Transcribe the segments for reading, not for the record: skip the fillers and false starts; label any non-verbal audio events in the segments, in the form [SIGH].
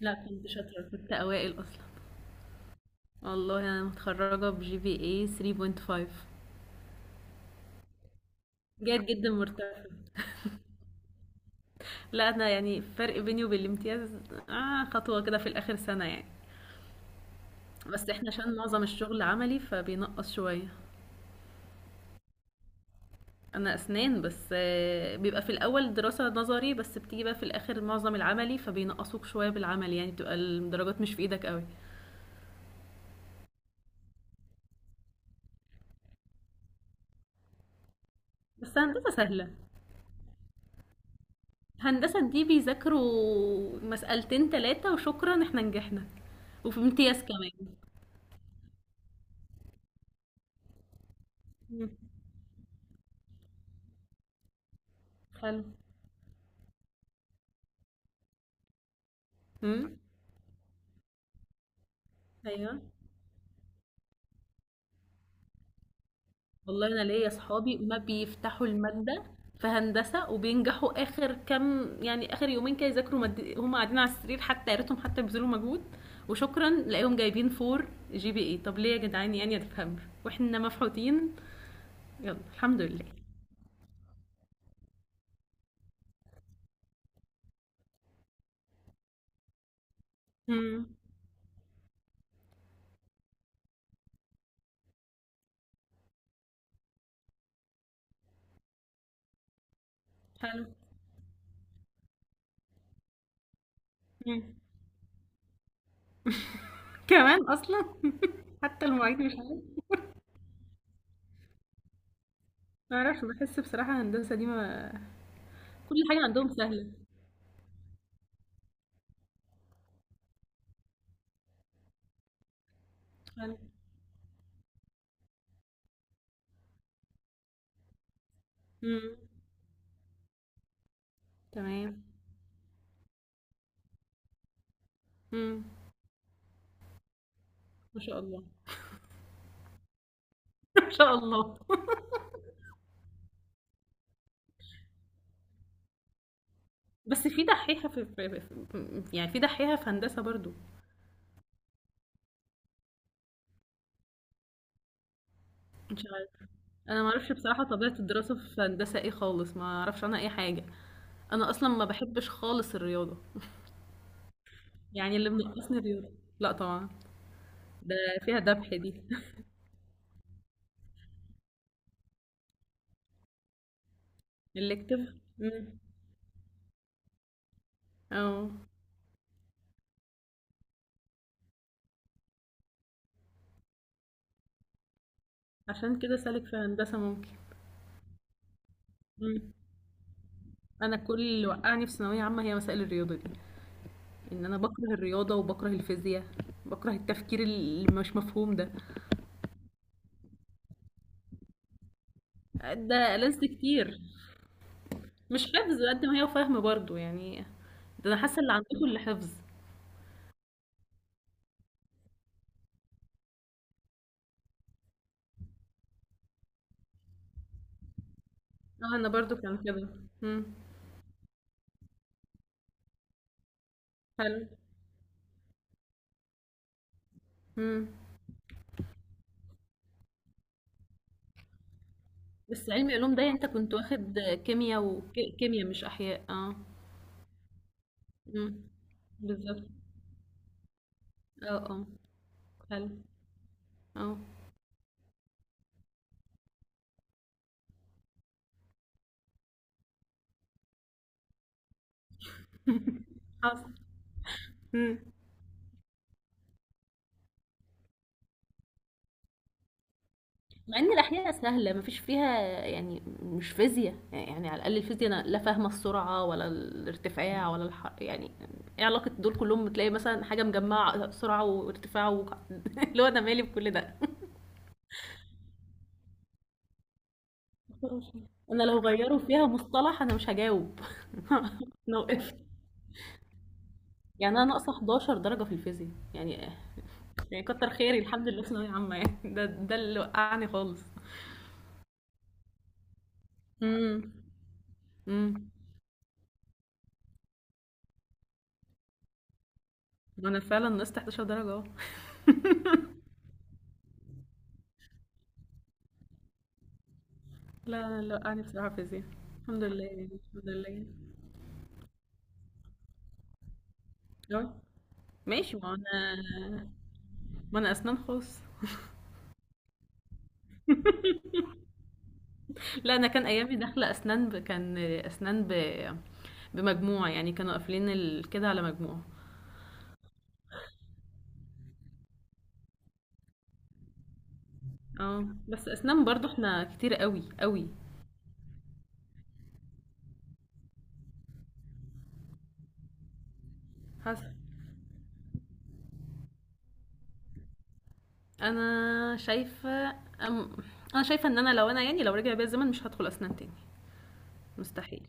لا، كنت شاطرة، كنت أوائل أصلا. والله أنا متخرجة بجي بي اي 3.5. جيد جدا، مرتفع. لا، أنا يعني الفرق بيني وبين الامتياز آه، خطوة كده في الآخر سنة يعني. بس احنا عشان معظم الشغل عملي فبينقص شوية. أنا أسنان بس، بيبقى في الأول دراسة نظري، بس بتيجي بقى في الآخر معظم العملي فبينقصوك شوية بالعمل، يعني بتبقى الدرجات مش في إيدك قوي. بس هندسة سهلة. هندسة دي بيذاكروا مسألتين تلاتة وشكرا احنا نجحنا. وفي امتياز كمان. مم. حلو. امم. ايوه. والله انا ليا اصحابي ما بيفتحوا المادة في هندسة وبينجحوا اخر كام، يعني اخر يومين كده يذاكروا هم قاعدين على السرير، حتى يا ريتهم حتى بيبذلوا مجهود. وشكرا لاقيهم جايبين 4 GPA، طب ليه يا جدعان؟ يعني ما تفهمش واحنا مفحوطين. يلا، الحمد لله. امم. حلو. مم. كمان اصلا. [LAUGHS] حتى المعيد مش عارف. ما اعرفش، بحس بصراحة هندسة دي ما. كل حاجة عندهم سهلة. حلو. امم. تمام. امم. ما شاء الله. [LAUGHS] ما شاء الله. بس في دحيحة في يعني في دحيحة في هندسة برضو. مش عارف. انا ما اعرفش بصراحة طبيعة الدراسة في هندسة ايه خالص، ما اعرفش عنها اي حاجة. انا اصلا ما بحبش خالص الرياضة. يعني اللي منقصني الرياضة. لا طبعا. ده فيها ذبح دي. [LAUGHS] الكتف. امم. اه. عشان كده سالك في هندسة ممكن. انا كل اللي وقعني في ثانويه عامه هي مسائل الرياضه دي. ان انا بكره الرياضه وبكره الفيزياء. بكره التفكير اللي مش مفهوم ده. ده لنس كتير. مش حفظ قد ما هي فهم برضو يعني. ده انا حاسه اللي عندكم اللي حفظ. اه، انا برضو كان كده. امم. حلو. امم. بس علمي علوم ده، يعني انت كنت واخد كيمياء، وكيمياء مش احياء، اه. امم. بالظبط. اه، اه. حلو. اه. حصل. مع ان الاحياء سهله مفيش فيها. يعني مش فيزياء، يعني على الاقل الفيزياء انا لا فاهمه السرعه ولا الارتفاع ولا يعني ايه علاقه دول كلهم؟ تلاقي مثلا حاجه مجمعه سرعه وارتفاع [LAUGHS] اللي هو انا مالي بكل ده. انا لو غيروا فيها مصطلح انا مش هجاوب. [LAUGHS] انا وقفت. يعني انا ناقصه 11 درجه في الفيزياء، يعني يعني كتر خيري الحمد لله في ثانويه عامه، يعني ده اللي وقعني خالص. امم. امم. انا فعلا نقصت 11 درجه اهو. لا، لا، لا، أنا بصراحة فيزياء الحمد لله، يعني الحمد لله. أوي. ماشي. ما أنا أسنان خاص. لا، أنا كان أيامي داخلة أسنان كان أسنان بمجموع، يعني كانوا قافلين كده على مجموع. اه. بس أسنان برضو احنا كتير قوي قوي. حسب. أنا شايفة. أم... أنا شايفة إن أنا لو أنا يعني لو رجع بيا الزمن مش هدخل أسنان تاني. مستحيل.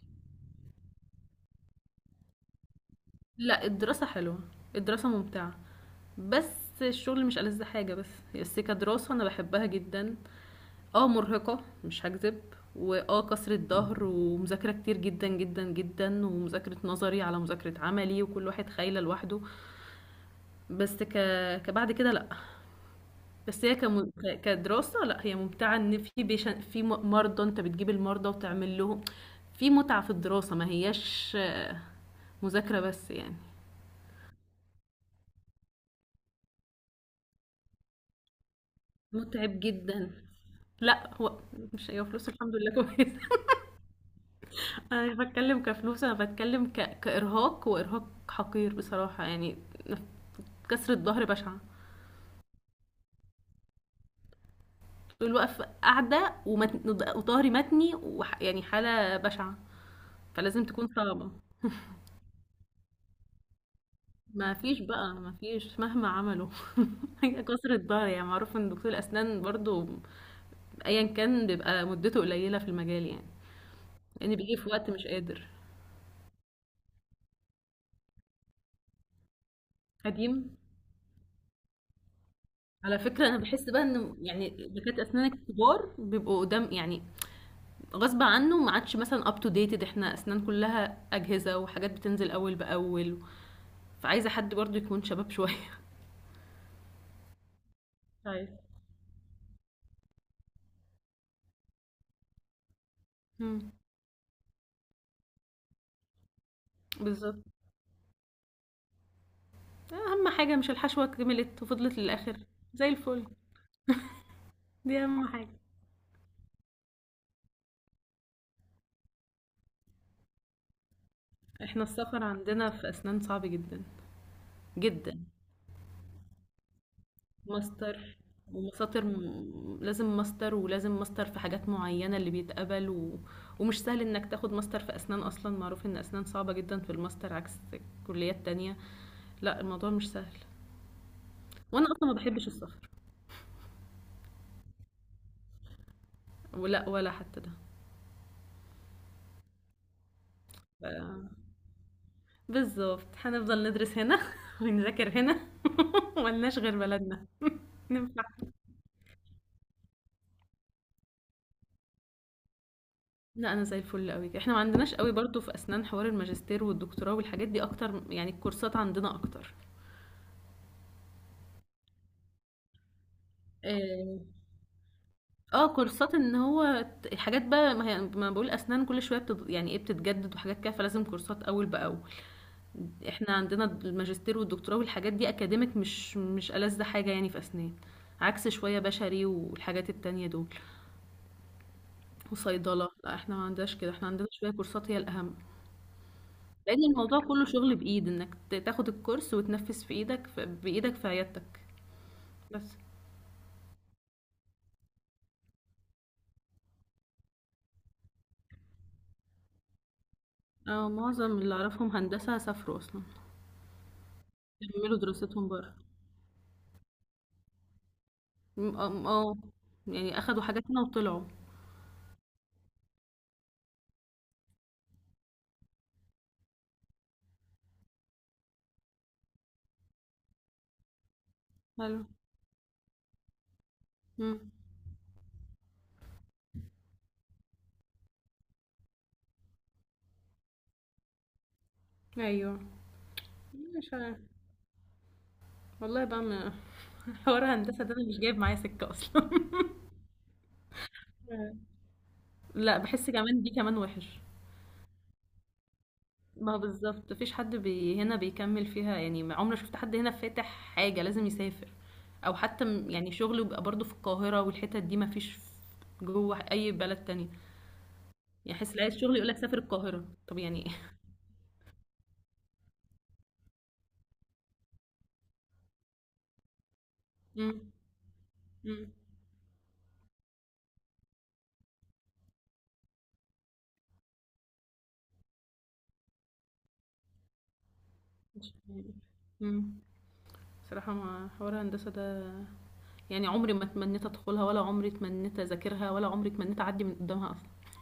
لا، الدراسة حلوة. الدراسة ممتعة. بس الشغل مش ألذ حاجة، بس. بس كدراسة أنا بحبها جدا. اه، مرهقة مش هكذب. واه كسرة ظهر ومذاكرة كتير جدا جدا جدا، ومذاكرة نظري على مذاكرة عملي، وكل واحد خايلة لوحده. بس ك... كبعد كده لأ. بس هي كدراسة لأ، هي ممتعة إن في مرضى، أنت بتجيب المرضى وتعمل لهم. في متعة في الدراسة، ما هياش مذاكرة بس يعني. متعب جدا. لا هو، مش هي فلوس، الحمد لله كويس. انا مش بتكلم كفلوس، انا بتكلم كارهاق، وارهاق حقير بصراحه يعني. كسرة ظهر بشعه. طول الوقت قاعده وظهري متني يعني حاله بشعه، فلازم تكون صعبه. ما فيش بقى، ما فيش مهما عملوا. [LAUGHS] هي كسرة ظهر يعني، معروف ان دكتور الاسنان برضو ايا كان بيبقى مدته قليله في المجال يعني، لان بيجي في وقت مش قادر. قديم. على فكرة أنا بحس بقى إن يعني دكاترة أسنان الكبار بيبقوا قدام يعني غصب عنه، ما عادش مثلا اب تو ديتد. احنا اسنان كلها اجهزه وحاجات بتنزل اول باول، فعايزه حد برضه يكون شباب [LAUGHS] شويه. طيب. مم، بالظبط. اهم حاجه مش الحشوه كملت وفضلت للاخر؟ زي الفل. دي اهم حاجه. احنا السفر عندنا في اسنان صعب جدا جدا. ماستر ومساطر لازم ماستر في حاجات معينة اللي بيتقبل ومش سهل انك تاخد ماستر في اسنان، اصلا معروف ان اسنان صعبة جدا في الماستر عكس كليات تانية. لأ، الموضوع مش سهل. وأنا أصلًا ما باحبش السفر. ولأ، ولا حتى ده. ف بالضبط، هنفضل ندرس هنا [LAUGHS] ونذاكر هنا. [LAUGHS] ما لناش غير بلدنا، ما ينفعش. لأ، أنا زي الفل أوي، إحنا ما عندناش أوي برضه في أسنان حوار الماجستير والدكتوراه والحاجات دي أكتر، يعني الكورسات عندنا أكتر. آآ، كورسات إن هو حاجات بقى، ما هي ما أنا باقول أسنان كل شوية يعني إيه، بتتجدد وحاجات كده، فلازم كورسات أول بأول. احنا عندنا الماجستير والدكتوراه والحاجات دي اكاديميك، مش ألذ حاجة يعني في اسنان، عكس شوية بشري والحاجات التانية دول وصيدلة. لا، احنا ما عندناش كده، احنا عندنا شوية كورسات هي الأهم، لأن الموضوع كله شغل بإيد انك تاخد الكورس وتنفذ في ايدك في بإيدك في عيادتك. بس. اه، معظم اللي اعرفهم هندسة سافروا اصلا، كملوا دراستهم بره. اه. آه. يعني اخدوا حاجات هنا وطلعوا. حلو. مم. ايوه. مش عارف. والله بقى [LAUGHS] حوار هندسة ده انا مش جايب معايا سكة اصلا. إمم. لأ، باحس كمان دي كمان وِحِش. ما هو بالضبط، ما فيش حد هنا بيكمّل فيها، يعني ما عمري ما شُفت حد هنا فاتح حاجة، لازم يسافر أو حتى يعني شُغله بيبقى برضه في القاهرة والحِتت دي، ما فيش جوّه أي بلد تانية. يعني أحس اللي عايز شُغل يقول لك سافر القاهرة، طَب يعني. إمم، إمم. مش إمم. بصراحة ما حوار هندسة ده، يعني عمري ما تمنّيت أدخُلها، ولا عمري تمنّيت أذاكرها، ولا عمري تمنّيت أعدّي من قُدّامها أصلًا.